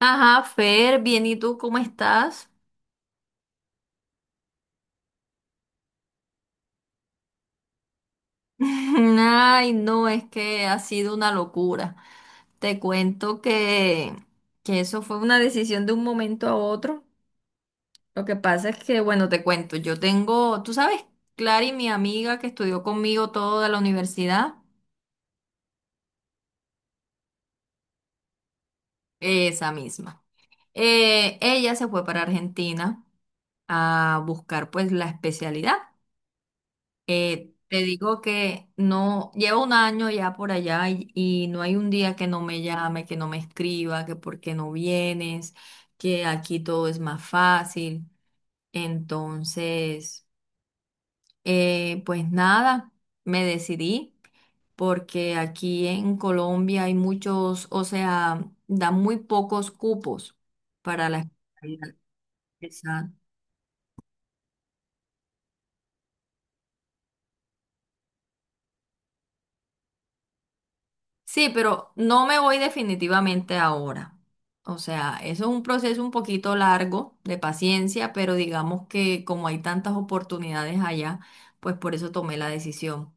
Ajá, Fer, bien, ¿y tú cómo estás? Ay, no, es que ha sido una locura. Te cuento que eso fue una decisión de un momento a otro. Lo que pasa es que, bueno, te cuento, yo tengo, tú sabes, Clary, mi amiga que estudió conmigo todo de la universidad, esa misma. Ella se fue para Argentina a buscar pues la especialidad. Te digo que no, llevo un año ya por allá y no hay un día que no me llame, que no me escriba, que por qué no vienes, que aquí todo es más fácil. Entonces, pues nada, me decidí porque aquí en Colombia hay muchos, o sea, dan muy pocos cupos para la especialidad. Sí, pero no me voy definitivamente ahora. O sea, eso es un proceso un poquito largo de paciencia, pero digamos que como hay tantas oportunidades allá, pues por eso tomé la decisión.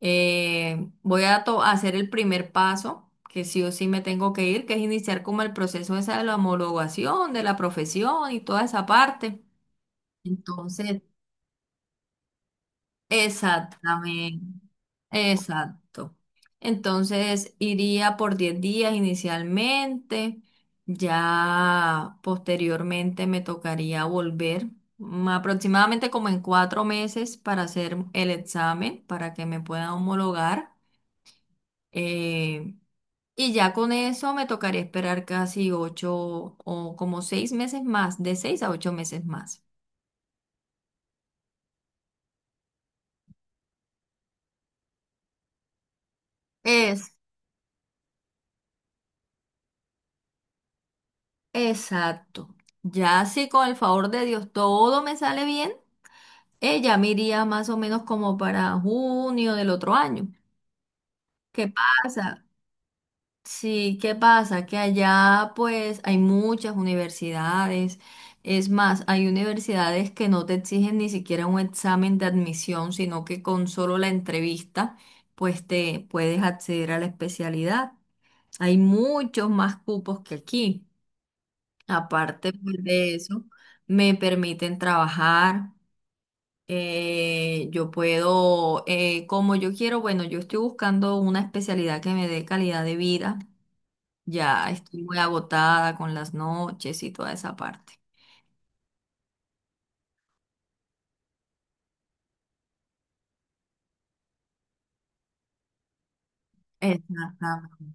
Voy a hacer el primer paso, que sí o sí me tengo que ir, que es iniciar como el proceso esa de la homologación, de la profesión y toda esa parte. Entonces, exactamente. Exacto. Entonces iría por 10 días inicialmente, ya posteriormente me tocaría volver, aproximadamente como en 4 meses para hacer el examen, para que me puedan homologar. eh, y ya con eso me tocaría esperar casi 8 o como 6 meses más, de 6 a 8 meses más. Es, exacto. Ya si con el favor de Dios todo me sale bien. Ella me iría más o menos como para junio del otro año. ¿Qué pasa? Sí, ¿qué pasa? Que allá pues hay muchas universidades. Es más, hay universidades que no te exigen ni siquiera un examen de admisión, sino que con solo la entrevista pues te puedes acceder a la especialidad. Hay muchos más cupos que aquí. Aparte pues, de eso, me permiten trabajar. Yo puedo, como yo quiero, bueno, yo estoy buscando una especialidad que me dé calidad de vida. Ya estoy muy agotada con las noches y toda esa parte. Exactamente.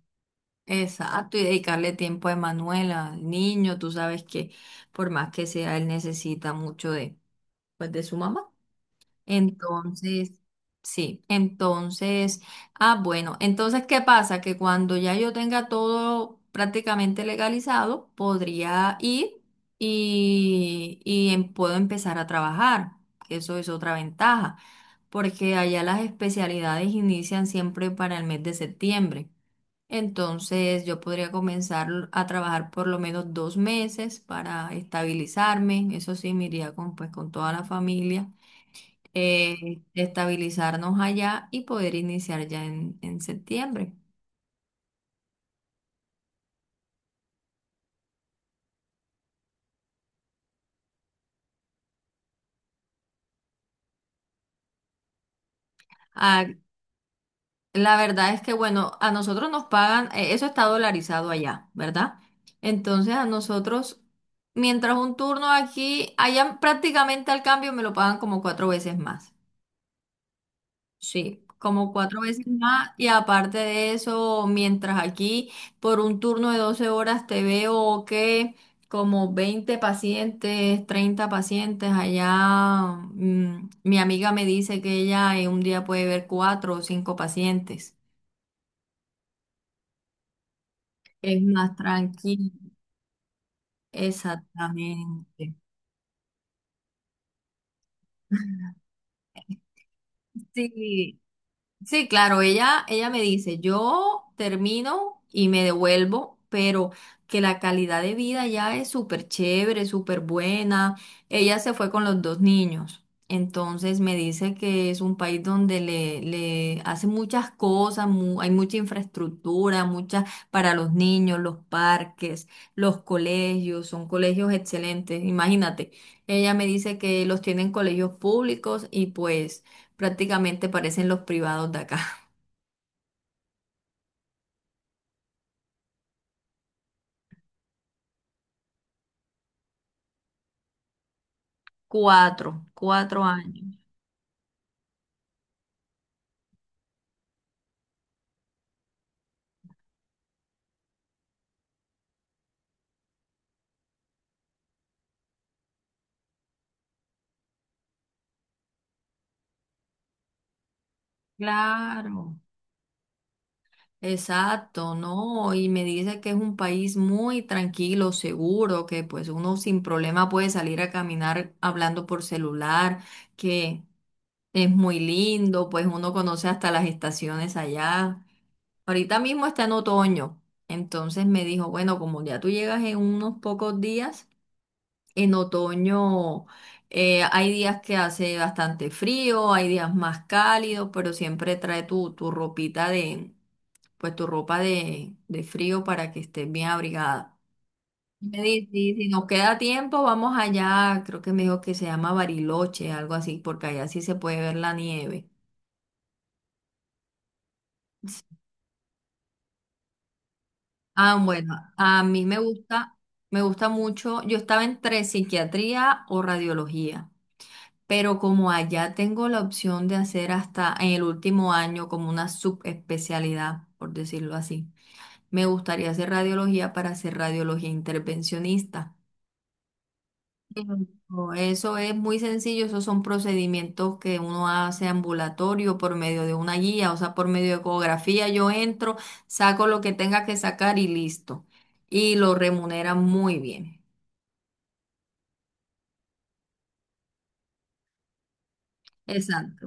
Exacto, y dedicarle tiempo a Emanuela, al niño, tú sabes que por más que sea, él necesita mucho de, pues, de su mamá. Entonces, sí, entonces, ah, bueno, entonces, ¿qué pasa? Que cuando ya yo tenga todo prácticamente legalizado, podría ir y puedo empezar a trabajar. Eso es otra ventaja, porque allá las especialidades inician siempre para el mes de septiembre. Entonces, yo podría comenzar a trabajar por lo menos 2 meses para estabilizarme. Eso sí, me iría con toda la familia estabilizarnos allá y poder iniciar ya en septiembre. Ah, la verdad es que, bueno, a nosotros nos pagan, eso está dolarizado allá, ¿verdad? Entonces a nosotros, mientras un turno aquí, allá prácticamente al cambio me lo pagan como cuatro veces más. Sí, como cuatro veces más y aparte de eso, mientras aquí por un turno de 12 horas te veo que como 20 pacientes, 30 pacientes allá, mi amiga me dice que ella en un día puede ver cuatro o cinco pacientes. Es más tranquilo. Exactamente. Sí, sí, claro, ella me dice, yo termino y me devuelvo, pero que la calidad de vida ya es súper chévere, súper buena. Ella se fue con los dos niños, entonces me dice que es un país donde le hacen muchas cosas, hay mucha infraestructura, mucha para los niños, los parques, los colegios, son colegios excelentes, imagínate. Ella me dice que los tienen colegios públicos y pues... Prácticamente parecen los privados de acá. Cuatro años. Claro. Exacto, ¿no? Y me dice que es un país muy tranquilo, seguro, que pues uno sin problema puede salir a caminar hablando por celular, que es muy lindo, pues uno conoce hasta las estaciones allá. Ahorita mismo está en otoño, entonces me dijo, bueno, como ya tú llegas en unos pocos días. En otoño hay días que hace bastante frío, hay días más cálidos, pero siempre trae tu, tu ropita de, pues tu ropa de frío para que estés bien abrigada. Me dice, si nos queda tiempo, vamos allá, creo que me dijo que se llama Bariloche, algo así, porque allá sí se puede ver la nieve. Sí. Ah, bueno, a mí me gusta mucho, yo estaba entre psiquiatría o radiología. Pero como allá tengo la opción de hacer hasta en el último año como una subespecialidad, por decirlo así, me gustaría hacer radiología para hacer radiología intervencionista. Pero eso es muy sencillo, esos son procedimientos que uno hace ambulatorio por medio de una guía, o sea, por medio de ecografía. Yo entro, saco lo que tenga que sacar y listo. Y lo remuneran muy bien. Exacto.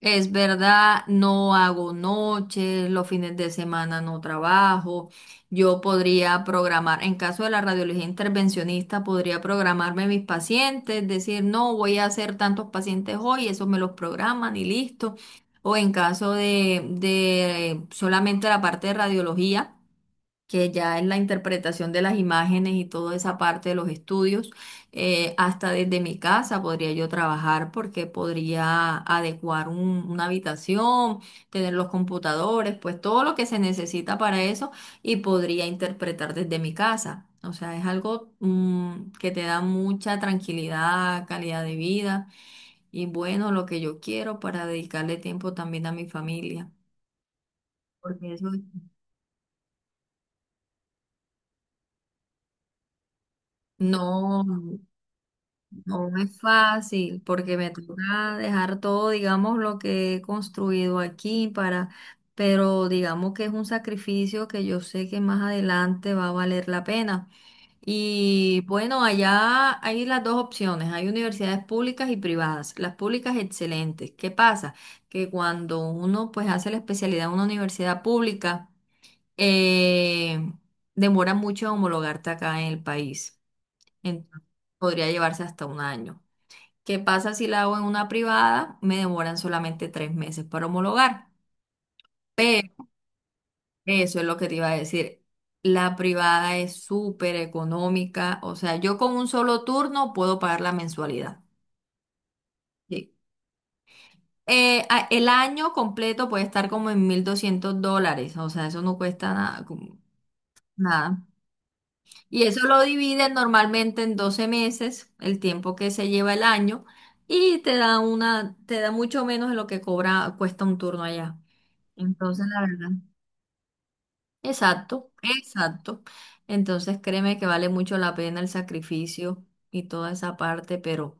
Es verdad, no hago noches, los fines de semana no trabajo. Yo podría programar, en caso de la radiología intervencionista, podría programarme mis pacientes, decir, no, voy a hacer tantos pacientes hoy, eso me los programan y listo. O en caso de solamente la parte de radiología que ya es la interpretación de las imágenes y toda esa parte de los estudios, hasta desde mi casa podría yo trabajar porque podría adecuar una habitación, tener los computadores, pues todo lo que se necesita para eso y podría interpretar desde mi casa. O sea, es algo, que te da mucha tranquilidad, calidad de vida y bueno, lo que yo quiero para dedicarle tiempo también a mi familia, porque eso no. No es fácil porque me toca dejar todo, digamos, lo que he construido aquí para, pero digamos que es un sacrificio que yo sé que más adelante va a valer la pena. Y bueno, allá hay las dos opciones, hay universidades públicas y privadas. Las públicas excelentes. ¿Qué pasa? Que cuando uno pues hace la especialidad en una universidad pública, eh, demora mucho en homologarte acá en el país. Entonces, podría llevarse hasta un año. ¿Qué pasa si la hago en una privada? Me demoran solamente 3 meses para homologar. Pero eso es lo que te iba a decir. La privada es súper económica. O sea, yo con un solo turno puedo pagar la mensualidad. Sí. El año completo puede estar como en 1.200 dólares. O sea, eso no cuesta nada. Como Nada. Y eso lo dividen normalmente en 12 meses, el tiempo que se lleva el año, y te da una, te da mucho menos de lo que cobra, cuesta un turno allá. Entonces, la verdad. Exacto, exacto. Entonces, créeme que vale mucho la pena el sacrificio y toda esa parte, pero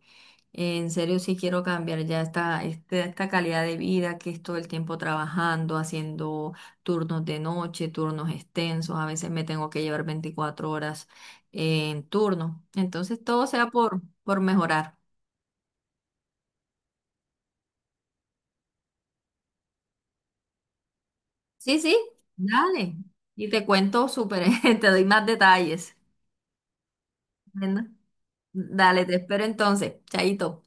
en serio sí quiero cambiar ya esta calidad de vida que es todo el tiempo trabajando, haciendo turnos de noche, turnos extensos. A veces me tengo que llevar 24 horas en turno. Entonces, todo sea por mejorar. Sí, sí, dale. Y te cuento súper, te doy más detalles. Bueno. Dale, te espero entonces. Chaito.